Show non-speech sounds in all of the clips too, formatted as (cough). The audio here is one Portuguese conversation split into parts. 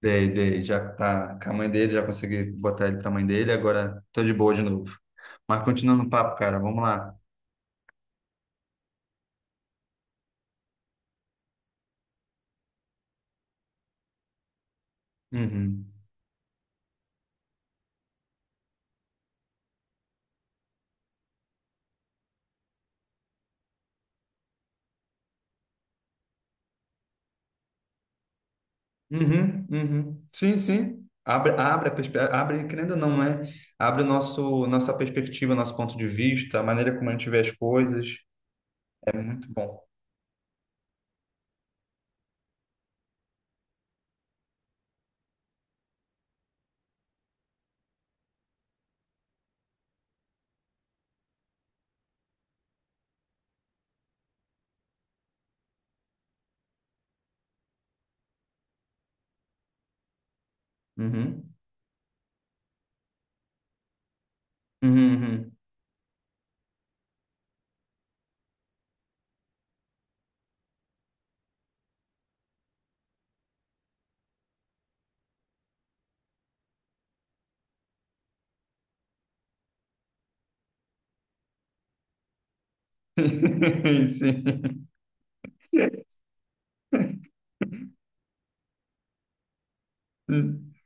Dei, já tá com a mãe dele, já consegui botar ele pra mãe dele, agora tô de boa de novo. Mas continuando o papo, cara, vamos lá. Uhum. Uhum, uhum. Sim, sim. Abre, querendo ou não, né? Abre nossa perspectiva, nosso ponto de vista, a maneira como a gente vê as coisas. É muito bom. Uhum. Uhum, uhum. (laughs) Sim. (laughs)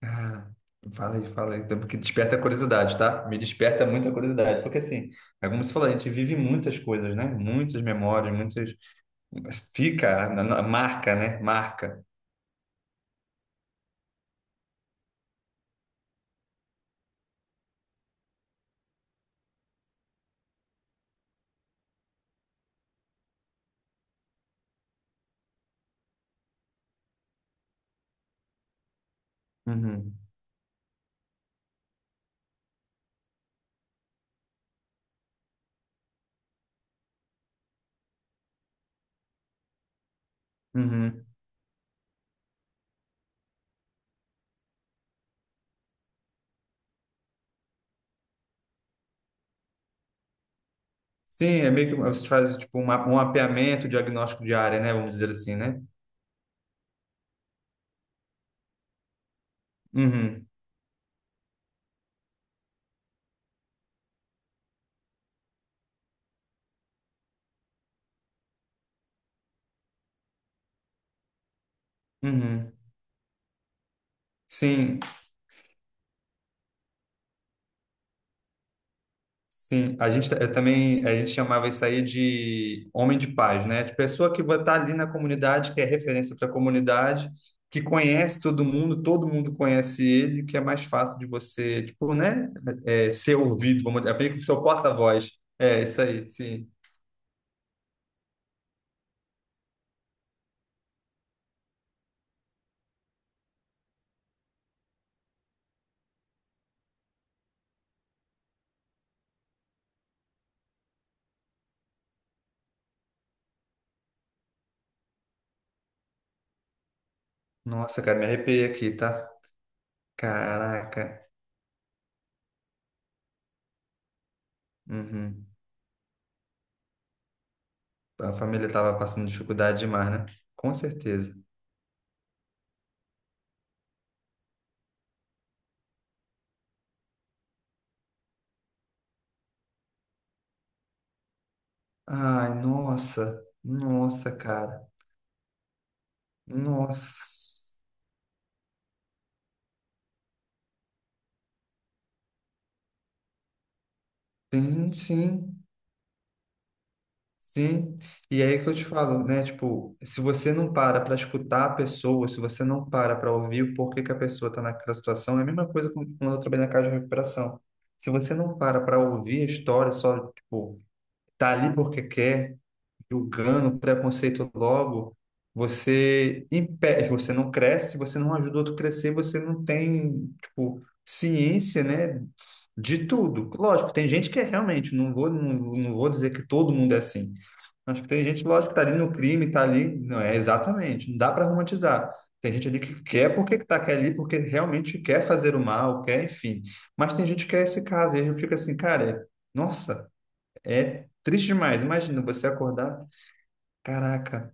Cara, fala aí. Então, porque desperta a curiosidade, tá? Me desperta muita curiosidade. Porque, assim, é como você falou, a gente vive muitas coisas, né? Muitas memórias, muitas. Mas fica, marca, né? Marca. Uhum. Uhum. Sim, é meio que um, você faz tipo um mapeamento diagnóstico de área, né? Vamos dizer assim, né? Uhum. Uhum. Sim. Eu também a gente chamava isso aí de homem de paz, né? De pessoa que vai estar ali na comunidade, que é referência para a comunidade, que conhece todo mundo conhece ele, que é mais fácil de você, tipo, né? É, ser ouvido, vamos dizer, é meio que o seu porta-voz. É, isso aí, sim. Nossa, cara, me arrepiei aqui, tá? Caraca. Uhum. A família tava passando dificuldade demais, né? Com certeza. Ai, nossa, nossa, cara, nossa. Sim, sim, sim. E é aí que eu te falo, né? Tipo, se você não para para escutar a pessoa, se você não para para ouvir o porquê que a pessoa está naquela situação, é a mesma quando eu trabalhei na casa de recuperação. Se você não para para ouvir a história, só, tipo, tá ali porque quer, julgando, preconceito logo, você impede, você não cresce, você não ajuda o outro a crescer, você não tem, tipo, ciência, né, de tudo. Lógico, tem gente que é realmente, não vou dizer que todo mundo é assim. Acho que tem gente, lógico, que tá ali no crime, tá ali, não é exatamente, não dá para romantizar. Tem gente ali que quer ali, porque realmente quer fazer o mal, quer, enfim. Mas tem gente que é esse caso, e aí eu fico assim, cara, nossa, é triste demais. Imagina você acordar. Caraca.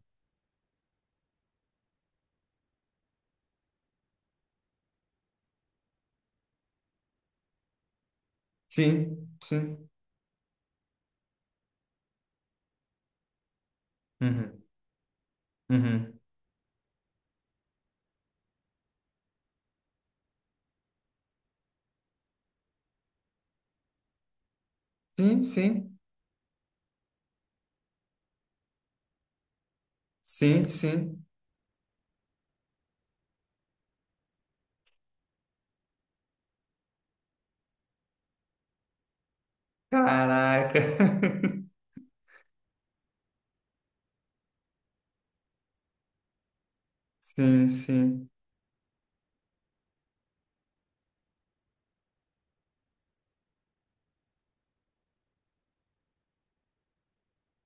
Sim, sim. Uhum, uhum. Sim, sim. Sim, sim. Caraca. (laughs) Sim, sim.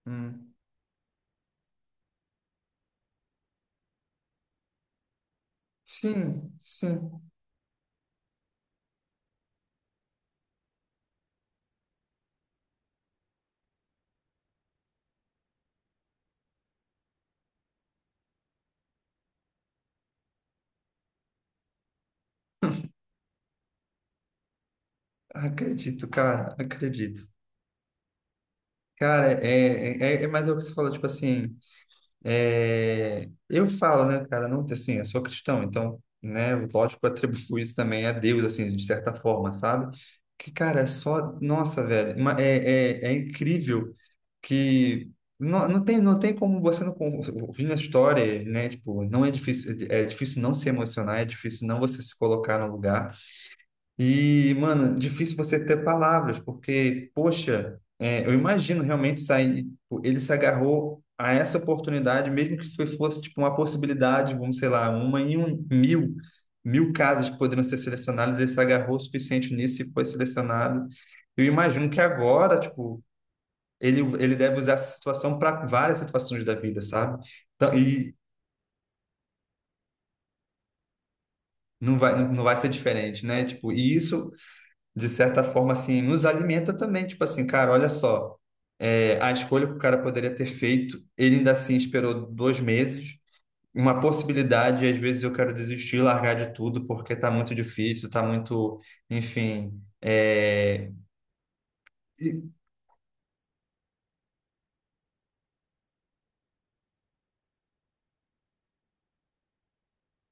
Hum. Sim, sim. Acredito, cara. Acredito. Cara, é mais o que você falou, tipo assim. É, eu falo, né, cara, não, assim, eu sou cristão, então, né, lógico, (laughs) eu atribuo isso também a Deus, assim, de certa forma, sabe? Que, cara, é só, nossa, velho, é incrível que não tem, não tem como você não con- ouvindo a história, né, tipo, não é difícil, é difícil não se emocionar, é difícil não você se colocar no lugar, e, mano, difícil você ter palavras, porque, poxa, é, eu imagino realmente sair. Tipo, ele se agarrou a essa oportunidade, mesmo que fosse tipo uma possibilidade, vamos, sei lá, uma em um mil, mil casos que poderiam ser selecionados, ele se agarrou o suficiente nisso e foi selecionado. Eu imagino que agora, tipo, ele deve usar essa situação para várias situações da vida, sabe? Então, e não vai ser diferente, né? Tipo, e isso de certa forma, assim, nos alimenta também. Tipo assim, cara, olha só, é, a escolha que o cara poderia ter feito, ele ainda assim esperou 2 meses. Uma possibilidade, às vezes eu quero desistir, largar de tudo, porque tá muito difícil, tá muito, enfim. E-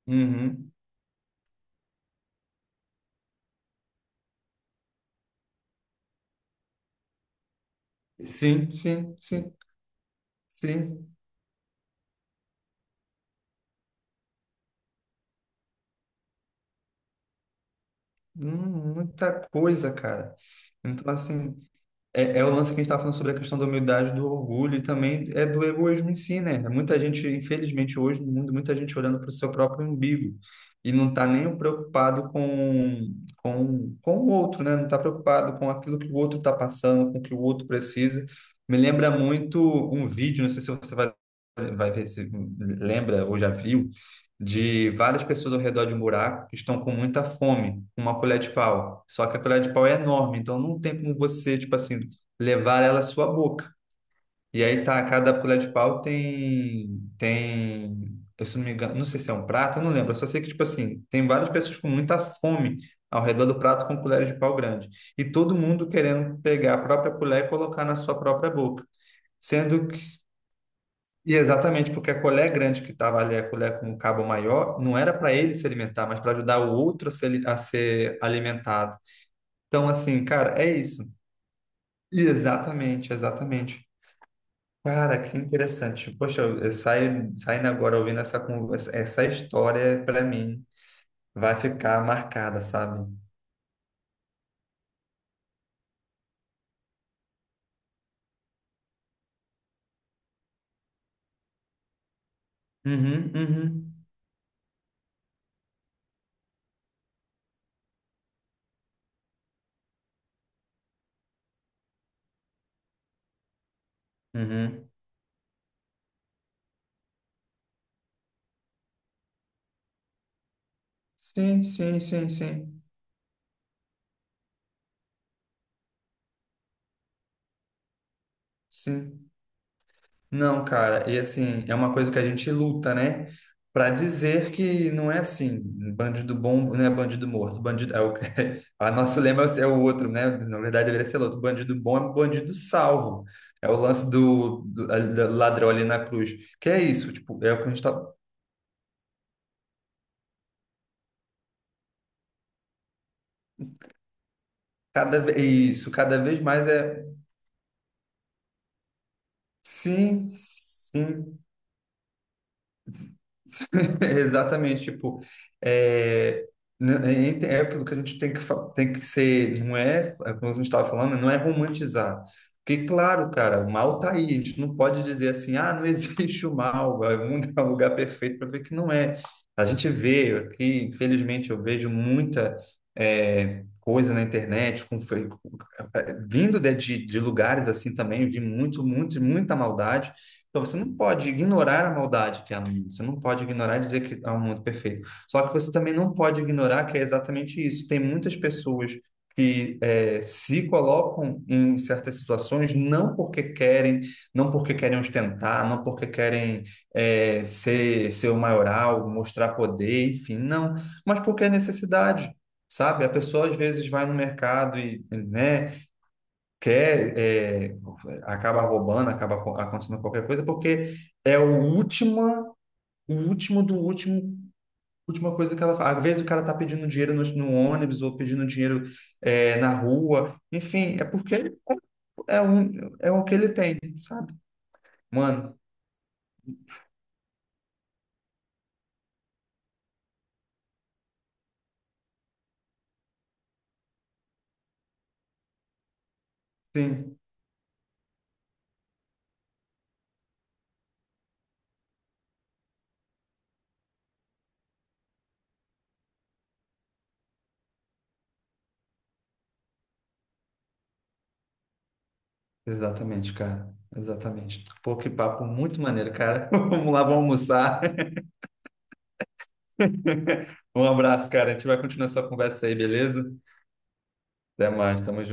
Uhum. Sim, sim, sim, sim. Muita coisa, cara. Então, assim, é é o lance que a gente está falando sobre a questão da humildade, do orgulho e também é do egoísmo em si, né? É Muita gente, infelizmente, hoje no mundo, muita gente olhando para o seu próprio umbigo e não está nem preocupado com o outro, né? Não está preocupado com aquilo que o outro está passando, com o que o outro precisa. Me lembra muito um vídeo, não sei se vai ver se lembra ou já viu, de várias pessoas ao redor de um buraco que estão com muita fome, com uma colher de pau. Só que a colher de pau é enorme, então não tem como você, tipo assim, levar ela à sua boca. E aí tá, cada colher de pau tem, eu se não me engano, não sei se é um prato, eu não lembro, eu só sei que, tipo assim, tem várias pessoas com muita fome ao redor do prato com colheres de pau grande. E todo mundo querendo pegar a própria colher e colocar na sua própria boca. Sendo que, e exatamente porque a colher grande que estava ali, a colher com o cabo maior, não era para ele se alimentar, mas para ajudar o outro a se ali- a ser alimentado. Então, assim, cara, é isso. E exatamente, exatamente. Cara, que interessante. Poxa, saindo agora ouvindo essa conversa, essa história para mim vai ficar marcada, sabe? Uhum, uhum, uhum. Sim, sim, sim, sim, sim. Não, cara, e assim, é uma coisa que a gente luta, né? Pra dizer que não é assim, bandido bom não é bandido morto, bandido é o que (laughs) a nosso lema é o outro, né? Na verdade deveria ser outro, bandido bom é bandido salvo. É o lance do ladrão ali na cruz. Que é isso, tipo, é o que a gente tá. Cada vez isso, cada vez mais é sim, sim. (laughs) Exatamente, tipo, é, é aquilo que a gente tem que ser, não é, é como a gente estava falando, não é romantizar. Porque, claro, cara, o mal tá aí, a gente não pode dizer assim, ah, não (laughs) existe o mal, vai, o mundo é um lugar perfeito para ver que não é. A gente vê aqui, infelizmente, eu vejo muita é, coisa na internet, vindo de lugares assim também, vi muita maldade. Então você não pode ignorar a maldade que há no mundo, você não pode ignorar e dizer que há um mundo perfeito. Só que você também não pode ignorar que é exatamente isso. Tem muitas pessoas que eh, se colocam em certas situações não porque querem, não porque querem ostentar, não porque querem eh, ser o maioral, mostrar poder, enfim, não, mas porque é necessidade. Sabe, a pessoa às vezes vai no mercado e, né, quer, é, acaba roubando, acaba acontecendo qualquer coisa, porque é o última, o último do último, última coisa que ela faz. Às vezes o cara tá pedindo dinheiro no ônibus ou pedindo dinheiro é, na rua, enfim, é porque é, um, é o que ele tem, sabe? Mano, sim, exatamente, cara. Exatamente. Pô, que papo muito maneiro, cara. (laughs) Vamos lá, vamos almoçar. (laughs) Um abraço, cara. A gente vai continuar essa conversa aí, beleza? Até mais, tamo junto.